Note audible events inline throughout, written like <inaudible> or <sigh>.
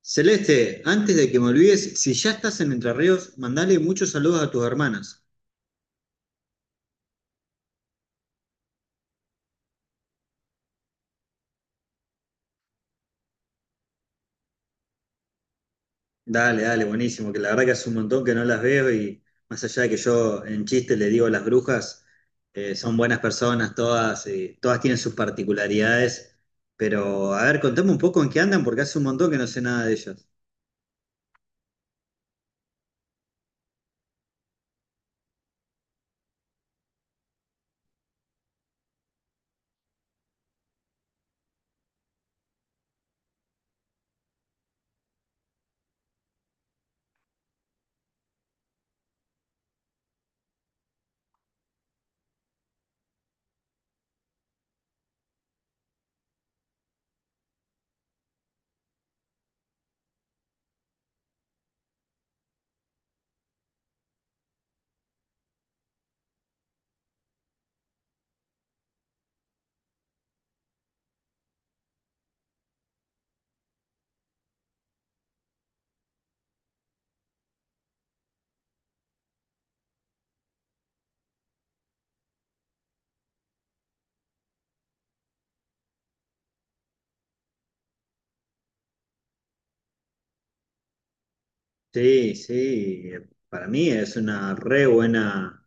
Celeste, antes de que me olvides, si ya estás en Entre Ríos, mandale muchos saludos a tus hermanas. Dale, dale, buenísimo, que la verdad que hace un montón que no las veo y más allá de que yo en chiste le digo las brujas, son buenas personas todas, y todas tienen sus particularidades, pero a ver, contame un poco en qué andan porque hace un montón que no sé nada de ellas. Sí, sí, para mí es una re buena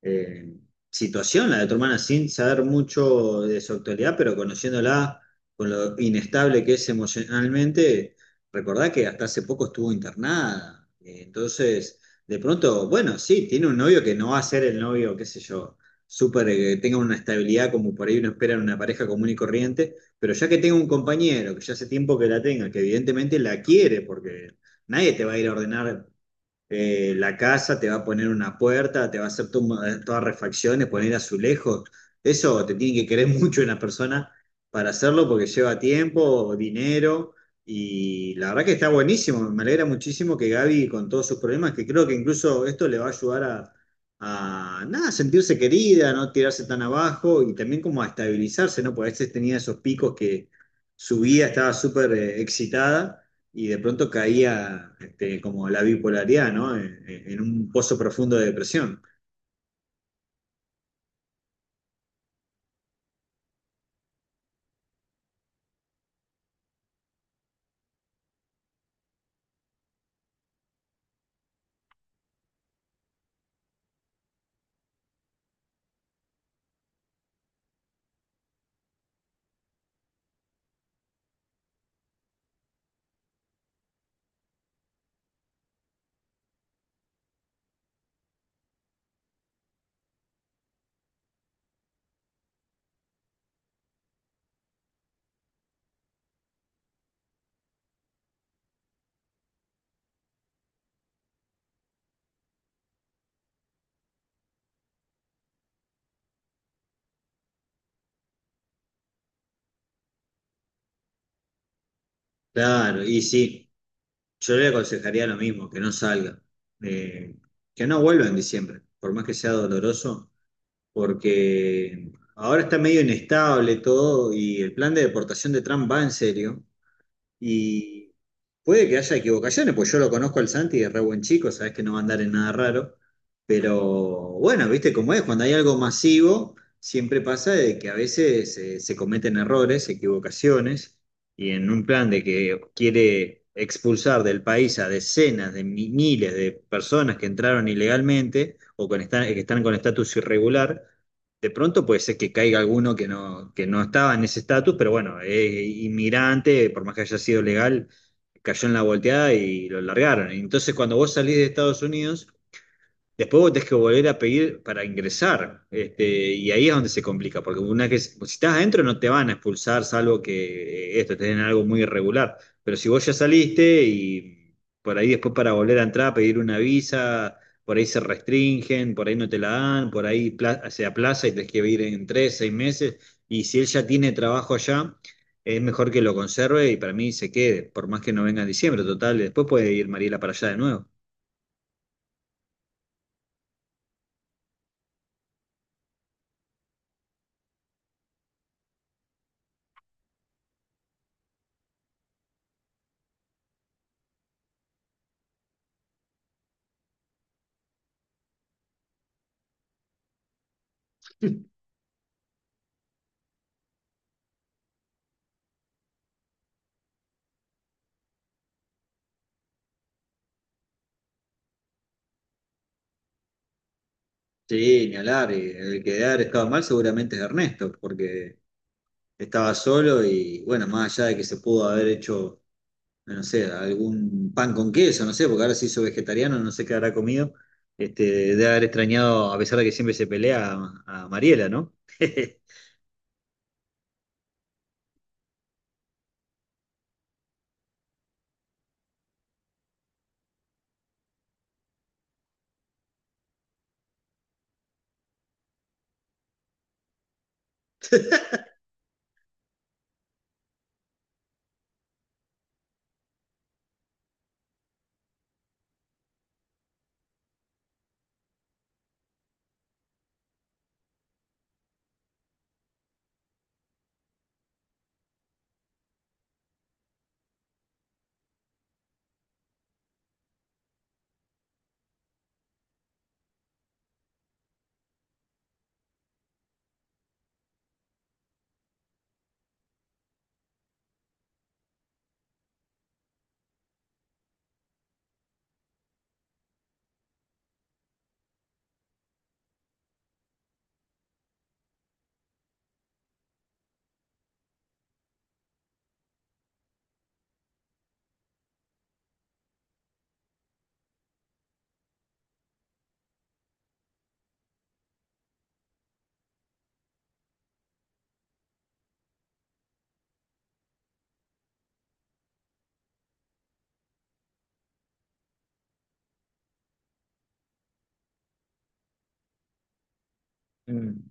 eh, situación la de tu hermana sin saber mucho de su actualidad, pero conociéndola con lo inestable que es emocionalmente, recordá que hasta hace poco estuvo internada. Entonces, de pronto, bueno, sí, tiene un novio que no va a ser el novio, qué sé yo, súper, que tenga una estabilidad como por ahí uno espera en una pareja común y corriente, pero ya que tenga un compañero, que ya hace tiempo que la tenga, que evidentemente la quiere, porque nadie te va a ir a ordenar la casa, te va a poner una puerta, te va a hacer todas refacciones, poner azulejos. Eso te tiene que querer <laughs> mucho una persona para hacerlo porque lleva tiempo, dinero. Y la verdad que está buenísimo. Me alegra muchísimo que Gaby, con todos sus problemas, que creo que incluso esto le va a ayudar a nada, sentirse querida, no tirarse tan abajo y también como a estabilizarse, ¿no? Porque a veces tenía esos picos que su vida estaba súper excitada y de pronto caía este, como la bipolaridad, ¿no? En un pozo profundo de depresión. Claro, y sí, yo le aconsejaría lo mismo, que no salga, eh, que no vuelva en diciembre, por más que sea doloroso, porque ahora está medio inestable todo y el plan de deportación de Trump va en serio. Y puede que haya equivocaciones, pues yo lo conozco al Santi, es re buen chico, sabes que no va a andar en nada raro. Pero bueno, viste cómo es, cuando hay algo masivo, siempre pasa de que a veces, se cometen errores, equivocaciones, y en un plan de que quiere expulsar del país a decenas de miles de personas que entraron ilegalmente o con que están con estatus irregular, de pronto puede ser que caiga alguno que no estaba en ese estatus, pero bueno, es inmigrante, por más que haya sido legal, cayó en la volteada y lo largaron. Entonces, cuando vos salís de Estados Unidos, después vos tenés que volver a pedir para ingresar, este, y ahí es donde se complica, porque una que, si estás adentro no te van a expulsar, salvo que esto, estén en algo muy irregular. Pero si vos ya saliste y por ahí después para volver a entrar, pedir una visa, por ahí se restringen, por ahí no te la dan, por ahí se aplaza y tenés que ir en tres, seis meses, y si él ya tiene trabajo allá, es mejor que lo conserve y para mí se quede, por más que no venga en diciembre, total, después puede ir Mariela para allá de nuevo. Sí, ni hablar. Y el que debe haber estado mal seguramente es Ernesto, porque estaba solo y bueno, más allá de que se pudo haber hecho, no sé, algún pan con queso, no sé, porque ahora se hizo vegetariano, no sé qué habrá comido, este, debe haber extrañado, a pesar de que siempre se pelea, a Mariela, ¿no? <laughs> Mm.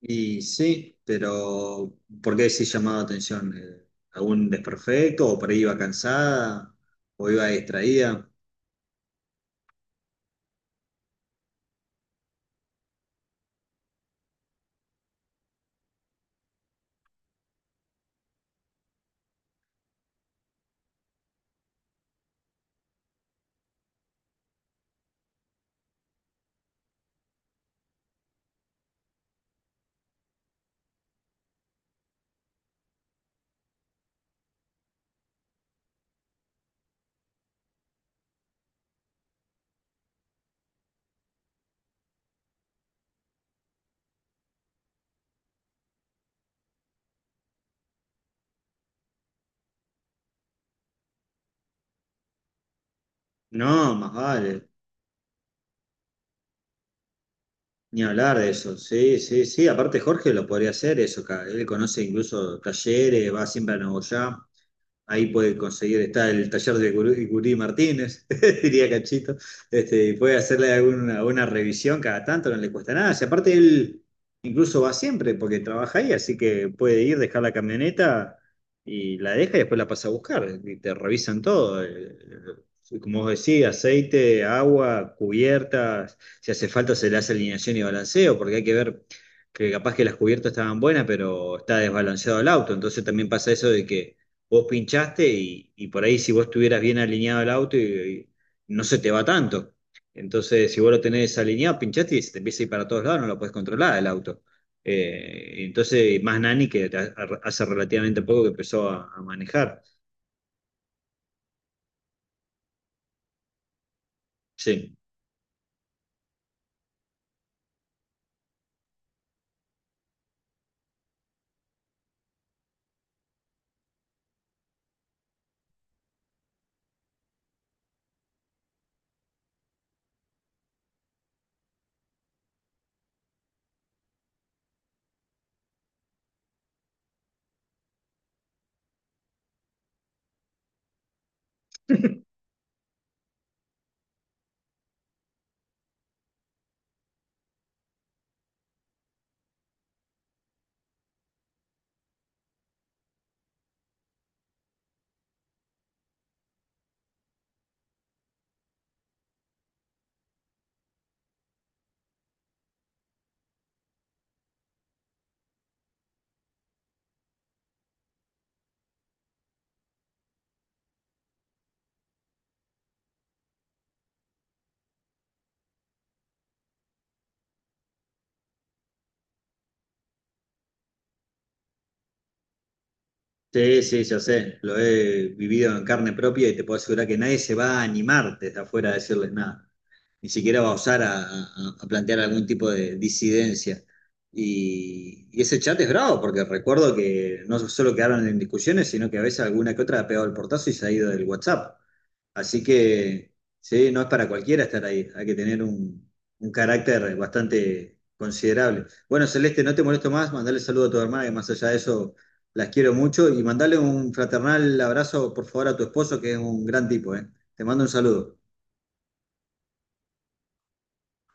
Y sí, pero ¿por qué sí llamaba atención? Algún desperfecto? ¿O por ahí iba cansada? ¿O iba distraída? No, más vale. Ni hablar de eso, sí, sí, sí. Aparte Jorge lo podría hacer eso, él conoce incluso talleres, va siempre a Nuevo Ya. Ahí puede conseguir, está el taller de Gurí, Gurí Martínez, <laughs> diría Cachito, este, y puede hacerle alguna, una revisión cada tanto, no le cuesta nada. Y aparte él incluso va siempre porque trabaja ahí, así que puede ir, dejar la camioneta y la deja y después la pasa a buscar. Y te revisan todo, como vos decís, aceite, agua, cubiertas, si hace falta se le hace alineación y balanceo, porque hay que ver que capaz que las cubiertas estaban buenas, pero está desbalanceado el auto, entonces también pasa eso de que vos pinchaste y por ahí si vos estuvieras bien alineado el auto y no se te va tanto. Entonces, si vos lo tenés alineado, pinchaste y se te empieza a ir para todos lados, no lo podés controlar el auto. Entonces, más Nani que hace relativamente poco que empezó a manejar. Sí. Sí, sí, ya sé, lo he vivido en carne propia y te puedo asegurar que nadie se va a animar desde afuera a decirles nada, ni siquiera va a osar a, a plantear algún tipo de disidencia. Y ese chat es bravo, porque recuerdo que no solo quedaron en discusiones, sino que a veces alguna que otra ha pegado el portazo y se ha ido del WhatsApp. Así que, sí, no es para cualquiera estar ahí, hay que tener un carácter bastante considerable. Bueno, Celeste, no te molesto más, mandale saludo a tu hermana, que más allá de eso las quiero mucho, y mandale un fraternal abrazo, por favor, a tu esposo, que es un gran tipo, ¿eh? Te mando un saludo.